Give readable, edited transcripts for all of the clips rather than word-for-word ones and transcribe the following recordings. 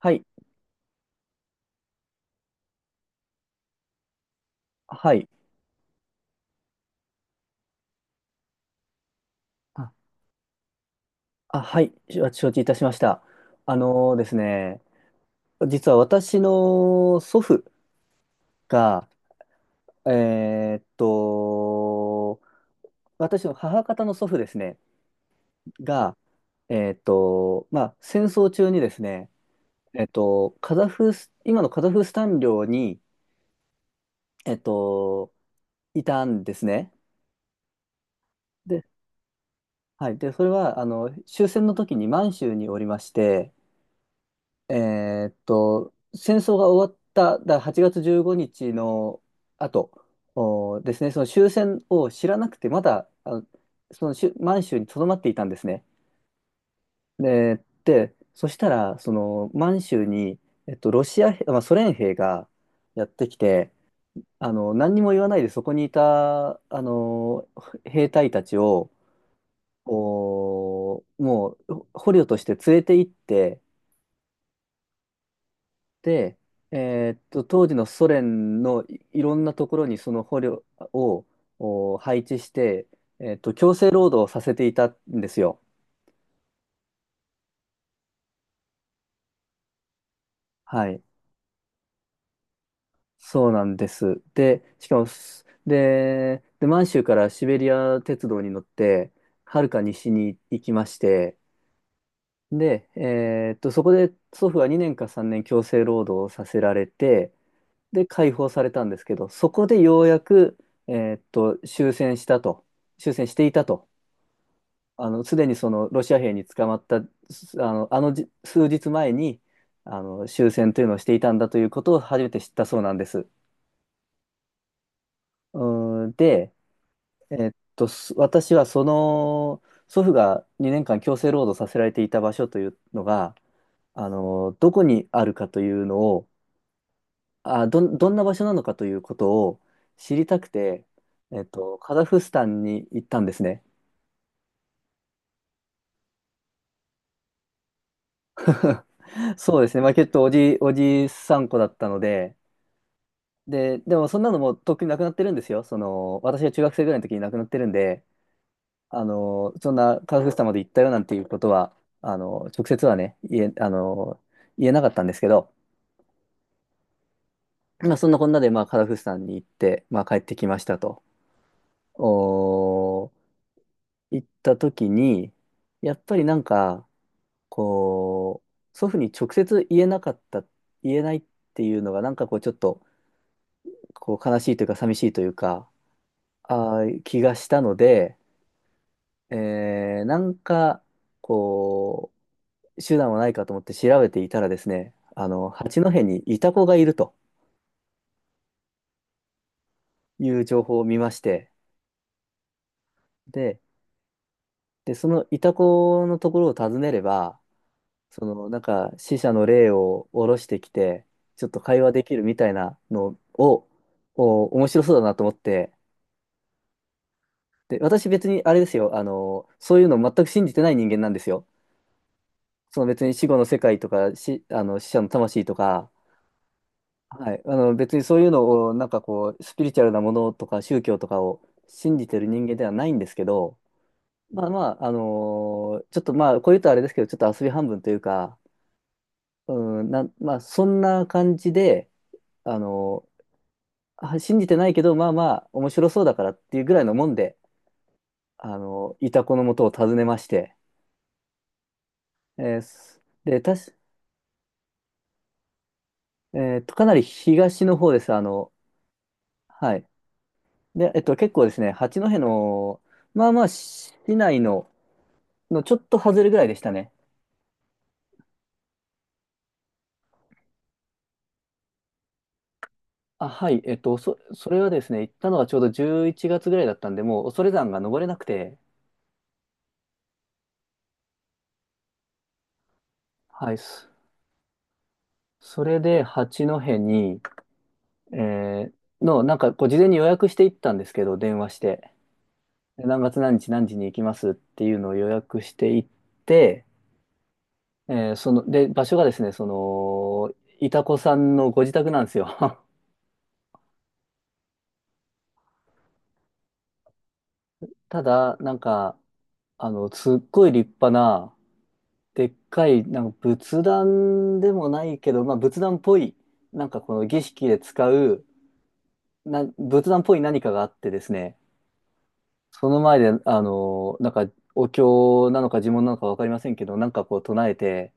はい。はい。あ、あ、はい。承知いたしました。あのーですね、実は私の祖父が、えーっと、私の母方の祖父ですね、が、まあ、戦争中にですね、えーっと、カザフス、今のカザフスタン領に、えーっと、いたんですね。で、はい。で、それは、あの、終戦の時に満州におりまして、戦争が終わった、だ8月15日の後ですね、その終戦を知らなくて、まだあそのしゅ満州に留まっていたんですね。で、そしたら、その満州に、えっと、ロシア兵、まあ、ソ連兵がやってきて、あの何にも言わないでそこにいたあの兵隊たちをもう捕虜として連れて行って、で、えーっと、当時のソ連のいろんなところにその捕虜を配置して、強制労働をさせていたんですよ。はい。そうなんです。で、しかもす、で、で、満州からシベリア鉄道に乗って、はるか西に行きまして、で、えーっと、そこで祖父は2年か3年強制労働をさせられて、で解放されたんですけど、そこでようやく、えーっと、終戦したと、終戦していたと、あの、すでにそのロシア兵に捕まった、すあの、あのじ数日前に、あの、終戦というのをしていたんだということを初めて知ったそうなんです。うーんで、えーっと、私はその、祖父が2年間強制労働させられていた場所というのが、あの、どこにあるかというのを、どんな場所なのかということを知りたくて、えっと、カザフスタンに行ったんですね。そうですね。まあ、結構おじさん子だったので、で、でもそんなのもうとっくになくなってるんですよ。その、私が中学生ぐらいの時に亡くなってるんで、あの、そんなカザフスタンまで行ったよなんていうことは、あの、直接はね、言えなかったんですけど、まあ、そんなこんなで、まあ、カザフスタンに行って、まあ、帰ってきましたと。おー、行った時に、やっぱりなんか、こう、祖父に直接言えなかった、言えないっていうのが、なんかこう、ちょっと、こう、悲しいというか、寂しいというか、気がしたので、なんか、こう、手段はないかと思って調べていたらですね、あの、八戸にイタコがいるという情報を見まして、で、そのイタコのところを訪ねれば、その、なんか、死者の霊を下ろしてきて、ちょっと会話できるみたいなのを、面白そうだなと思って、で、私別にあれですよ、あの、そういうの全く信じてない人間なんですよ。その別に死後の世界とか、あの、死者の魂とか、はい、あの、別にそういうのを、なんかこう、スピリチュアルなものとか宗教とかを信じてる人間ではないんですけど、まあまあ、ちょっとまあ、こういうとあれですけど、ちょっと遊び半分というか、まあ、そんな感じで、あのあ信じてないけど、まあまあ、面白そうだからっていうぐらいのもんで、あの、イタコのもとを訪ねまして、えーすで、たし、えーっと、かなり東の方です、あの、はい。で、えっと、結構ですね、八戸の、まあまあ、市内の、のちょっと外れぐらいでしたね。あ、はい、えっと、それはですね、行ったのがちょうど11月ぐらいだったんで、もう恐山が登れなくて、はい、それで八戸に、えーの、なんかこう事前に予約していったんですけど、電話して。で何月何日何時に行きますっていうのを予約していって、その、で、場所がですね、その、いたこさんのご自宅なんですよ。ただ、なんか、あの、すっごい立派な、でっかい、なんか仏壇でもないけど、まあ仏壇っぽい、なんかこの儀式で使う、仏壇っぽい何かがあってですね、その前で、あの、なんかお経なのか呪文なのかわかりませんけど、なんかこう唱えて、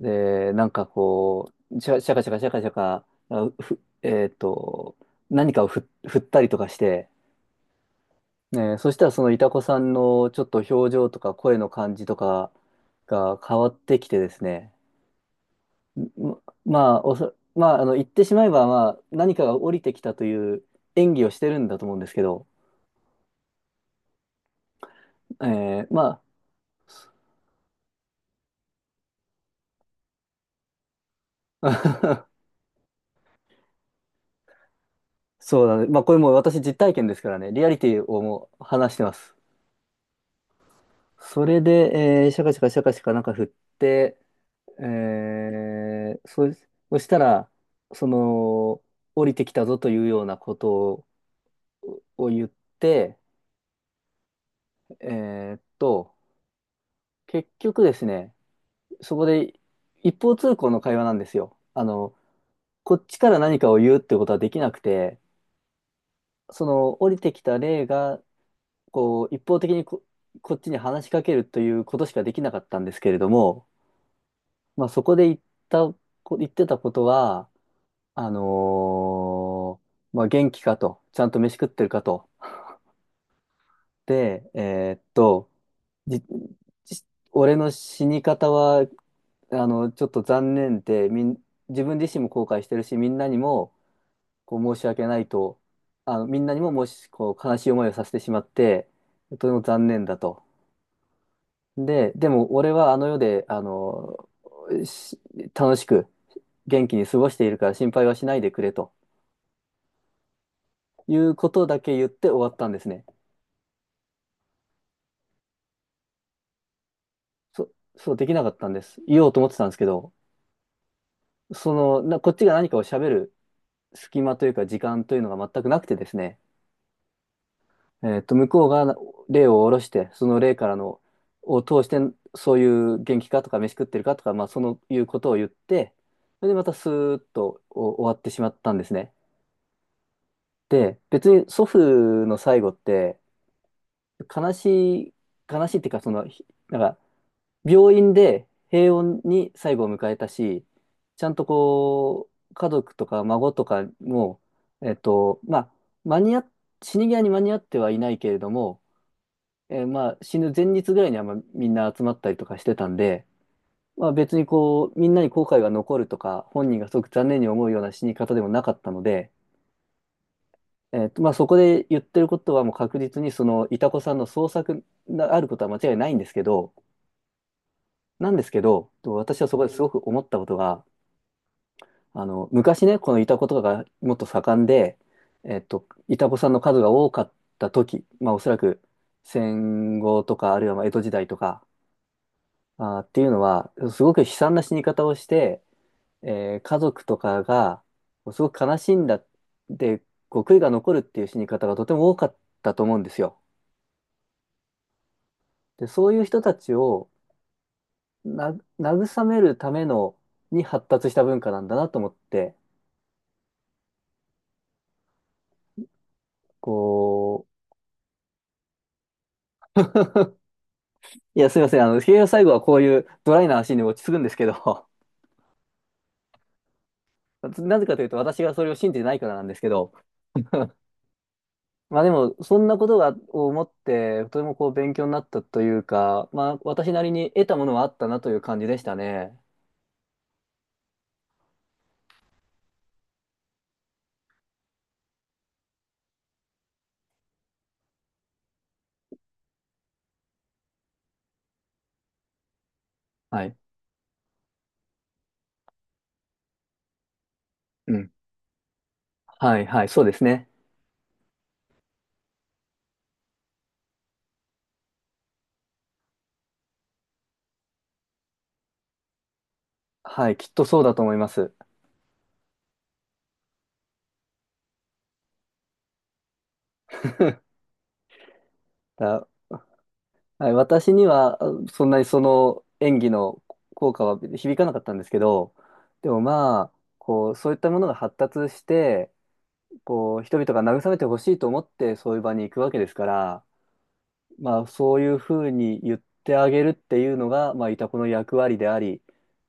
で、なんかこう、シャシャカシャカシャカシャカ、あふ、えっと、何かを振ったりとかして、ね、そしたらそのいた子さんのちょっと表情とか声の感じとかが変わってきてですね、まあ、あの、言ってしまえば、まあ、何かが降りてきたという演技をしてるんだと思うんですけど、えーまあ、そうだね。まあ、これもう私実体験ですからね、リアリティをもう話してます。それで、えーシャカシャカシャカシャカなんか振って、えー、そ、そしたら、その、降りてきたぞというようなことを言って、えーっと、結局ですね、そこで一方通行の会話なんですよ。あの、こっちから何かを言うってことはできなくて、その降りてきた霊が、こう、一方的にこっちに話しかけるということしかできなかったんですけれども、まあそこでた、言ってたことは、あのまあ、元気かと、ちゃんと飯食ってるかと。で、えーっと、じ、じ俺の死に方は、あの、ちょっと残念で、自分自身も後悔してるし、みんなにも、こう、申し訳ないと、あの、みんなにも、もし、こう、悲しい思いをさせてしまって、とても残念だと。で、でも、俺はあの世で、あの、し楽しく、元気に過ごしているから心配はしないでくれということだけ言って終わったんですね。そ、そうできなかったんです。言おうと思ってたんですけど、その、こっちが何かを喋る隙間というか時間というのが全くなくてですね、えっと、向こうが例を下ろして、その例からの、を通して、そういう元気かとか飯食ってるかとか、まあ、そのいうことを言って、それでまたスーッと終わってしまったんですね。で、別に祖父の最後って、悲しい、悲しいっていうか、その、なんか、病院で平穏に最後を迎えたし、ちゃんとこう、家族とか孫とかも、えっと、まあ、間に合っ、死に際に間に合ってはいないけれども、えーまあ、死ぬ前日ぐらいにはまあみんな集まったりとかしてたんで、まあ、別にこう、みんなに後悔が残るとか、本人がすごく残念に思うような死に方でもなかったので、えっと、まあ、そこで言ってることはもう確実にその、いたこさんの創作があることは間違いないんですけど、なんですけど、私はそこですごく思ったことが、あの、昔ね、このイタコとかがもっと盛んで、えっと、イタコさんの数が多かった時、まあおそらく戦後とか、あるいはまあ江戸時代とか、っていうのは、すごく悲惨な死に方をして、えー家族とかが、すごく悲しんだ、で、こう悔いが残るっていう死に方がとても多かったと思うんですよ。で、そういう人たちをな、慰めるための、に発達した文化なんだなと思って、こう、いや、すいません。あの、結局最後はこういうドライな話に落ち着くんですけど、なぜかというと私がそれを信じてないからなんですけど、まあでも、そんなことを思って、とてもこう勉強になったというか、まあ私なりに得たものはあったなという感じでしたね。はい。うん。はい、はい、そうですね。はい、きっとそうだと思います。だ、はい、私には、あそんなにその演技の効果は響かなかったんですけど、でもまあ、こう、そういったものが発達して、こう、人々が慰めてほしいと思ってそういう場に行くわけですから、まあ、そういうふうに言ってあげるっていうのが、まあ、イタコの役割であり、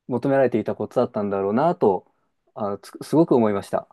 求められていたことだったんだろうなと、あの、すごく思いました。